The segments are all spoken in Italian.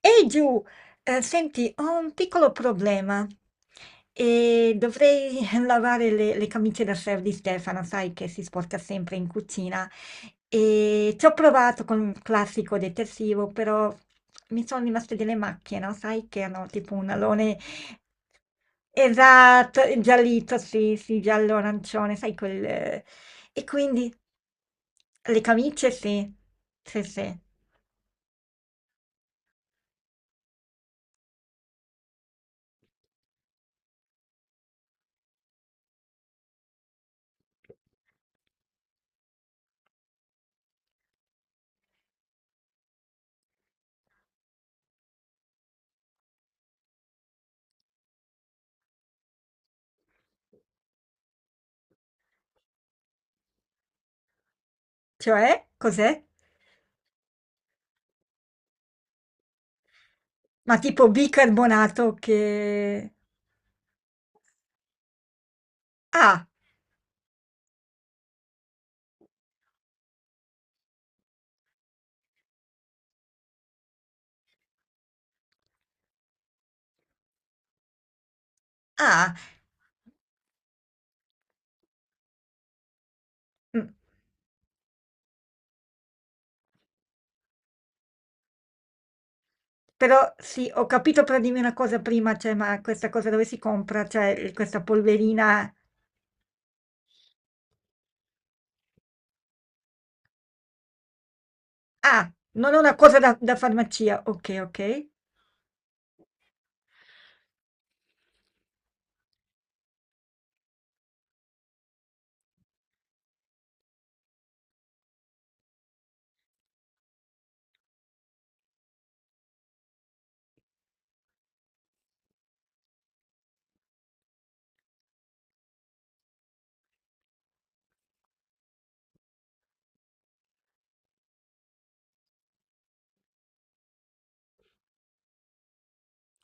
Ehi Giù, senti, ho un piccolo problema e dovrei lavare le camicie da chef di Stefano, sai che si sporca sempre in cucina e ci ho provato con un classico detersivo, però mi sono rimaste delle macchie, no? Sai che hanno tipo un alone esatto, giallito, sì, sì, giallo arancione, sai quel. E quindi le camicie sì, sì, sì, cioè cos'è? Ma tipo bicarbonato che... Ah, ah, mm, però sì, ho capito, però dimmi una cosa prima, cioè, ma questa cosa dove si compra? Cioè, questa polverina... Ah, non è una cosa da, da farmacia. Ok, ok.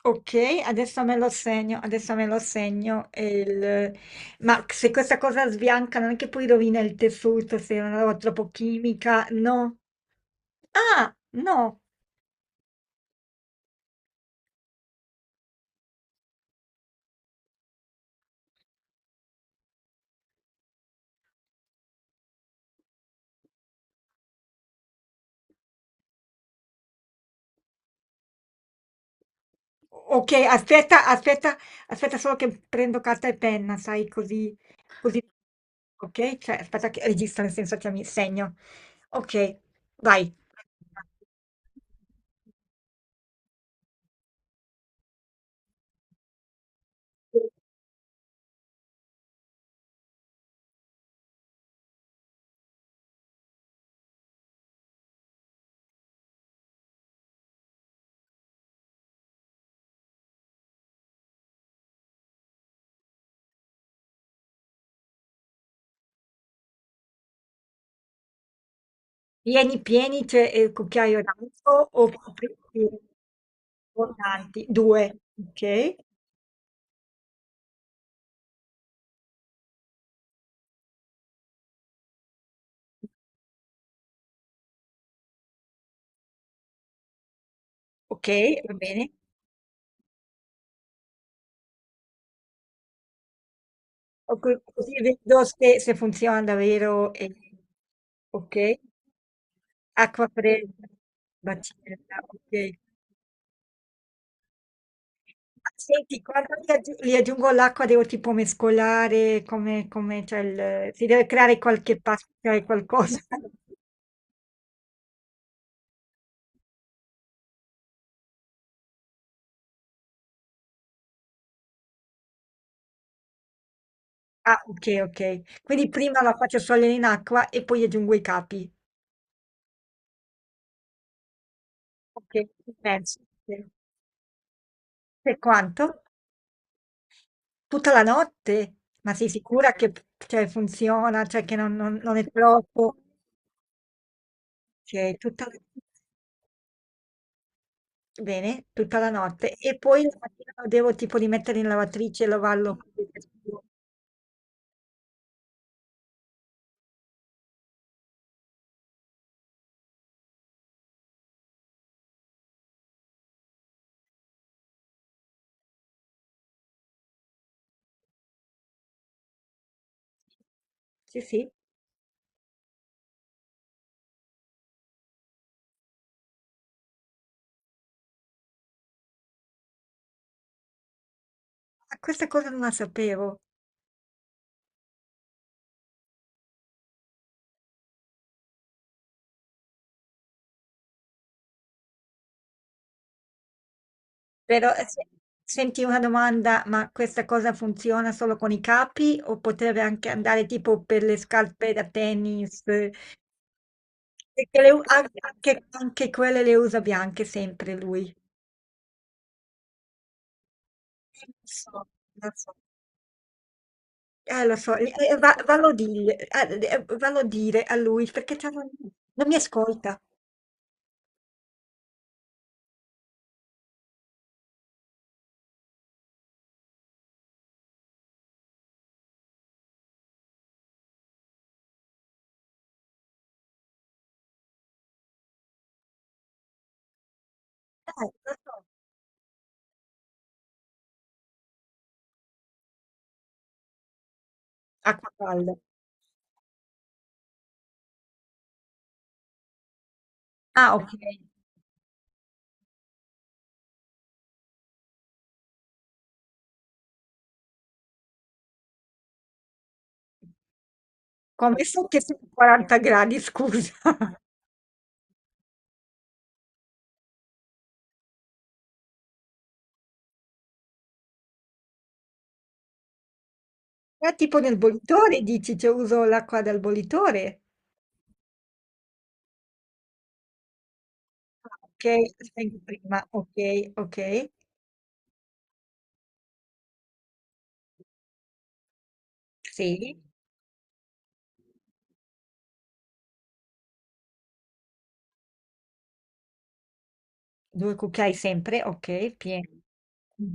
Ok, adesso me lo segno, adesso me lo segno. Ma se questa cosa sbianca non è che poi rovina il tessuto se è una roba troppo chimica? No. Ah, no. Ok, aspetta solo che prendo carta e penna, sai, così, così. Ok, cioè, aspetta che registro, nel senso che mi segno. Ok, vai. Pieni, pieni, c'è il cucchiaio d'alto o copriti con tanti? Due. Ok, ok, va bene. Così vedo se, se funziona davvero. Ok, acqua fredda, bacinella, ok. Ah, senti, quando li aggiungo l'acqua devo tipo mescolare, come, come c'è si deve creare qualche pasta e qualcosa. Ah, ok, ok. Quindi prima la faccio sciogliere in acqua e poi aggiungo i capi. Ok, penso. Per quanto? Tutta la notte? Ma sei sicura che p cioè funziona, cioè che non è troppo? Okay, tutta la bene, tutta la notte e poi la mattina lo devo tipo rimettere in lavatrice e lavarlo? Sì, sì. Ah, questa cosa non la sapevo. Però, se senti una domanda, ma questa cosa funziona solo con i capi o potrebbe anche andare tipo per le scarpe da tennis? Perché le u anche anche quelle le usa bianche sempre lui. Lo so, lo so. Lo so, vallo a dire a lui perché non mi ascolta. Lo so, a cavallo. Ah, ok. Come so che sono 40 gradi, scusa? Ma tipo nel bollitore dici, cioè uso l'acqua dal bollitore? Ah, ok, spengo prima, ok, ok. Sì, due cucchiai sempre, ok, pieno. Mm.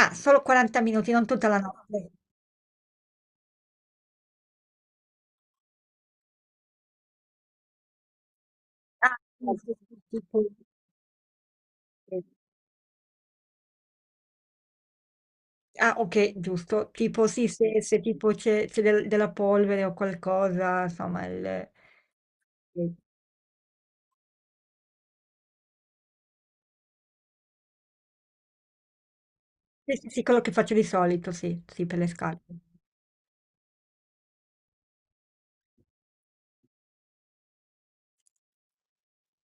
Ah, solo 40 minuti, non tutta la notte. Ah, sì, sì, sì, sì, sì. Ah, okay, giusto. Tipo sì, se se tipo c'è della polvere o qualcosa, insomma il sì. Sì, sì, sì, quello che faccio di solito, sì, sì, per le scarpe.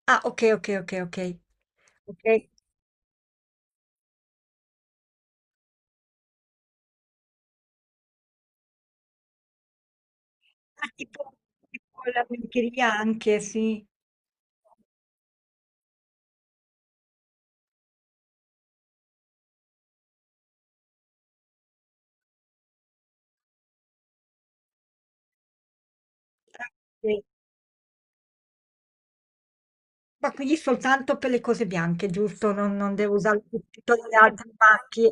Ah, okay, okay, okay, okay. Okay. Ah, tipo la biancheria anche, sì. Ah, sì. Ma quindi soltanto per le cose bianche, giusto? Non, non devo usare per tutte le altre macchie,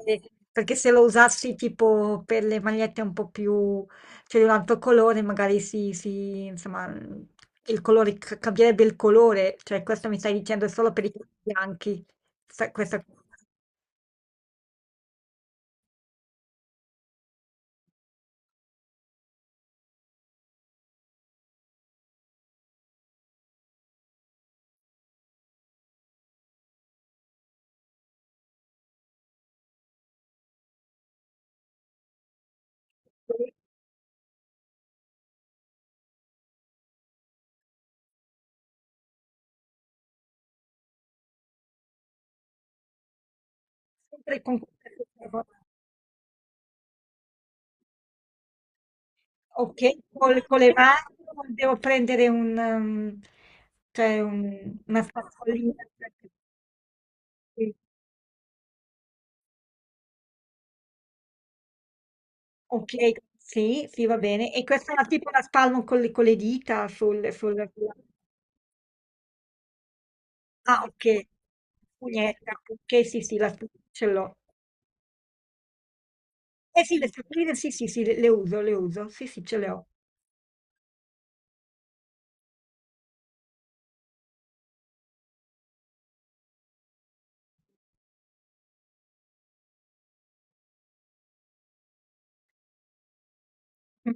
perché se lo usassi tipo per le magliette un po' più, cioè di un altro colore, magari insomma, il colore, cambierebbe il colore, cioè questo mi stai dicendo è solo per i colori bianchi, Sa- questa sempre con- Ok, con, le mani o devo prendere cioè una spazolina. Ok, sì, sì, va bene. E questa è tipo la spalmo con con le dita sulla. Ah, ok. Pugnetta, ok, sì, sì, la spugna ce l'ho. Eh sì, le spugine, sì, sì, sì, le uso, le uso. Sì, sì, ce le ho. Mm.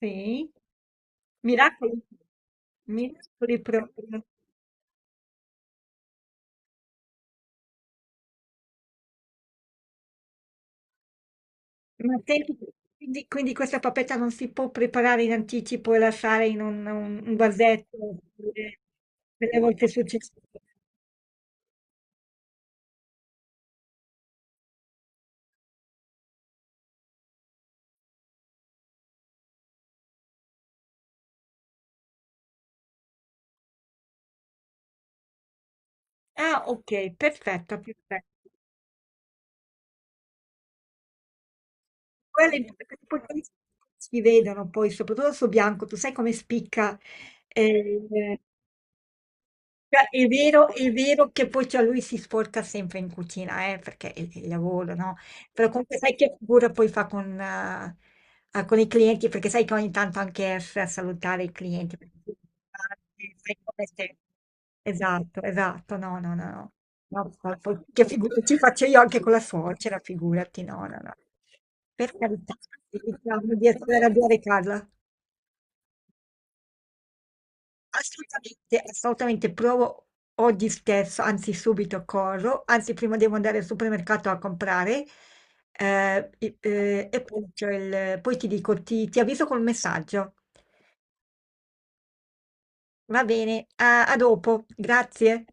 Sì. Miracoli, miracoli proprio. Ma senti, quindi questa papetta non si può preparare in anticipo e lasciare in un vasetto per le per le volte successive. Ah, okay, perfetto, perfetto. Quello è imp perché poi quelli si vedono poi, soprattutto su bianco, tu sai come spicca, ehm, cioè è vero che poi cioè lui si sporca sempre in cucina, perché è il lavoro, no, però comunque sai che figura poi fa con i clienti, perché sai che ogni tanto anche esce a salutare i clienti. Perché sai come se esatto, esatto, no, no, no, no. No, poi che figure ci faccio io anche con la suocera, figurati, no, no, no. Per carità, evitiamo di essere arrabbiare Carla. Assolutamente, assolutamente, provo oggi stesso, anzi subito corro, anzi prima devo andare al supermercato a comprare e poi, poi ti dico, ti avviso col messaggio. Va bene, a dopo, grazie.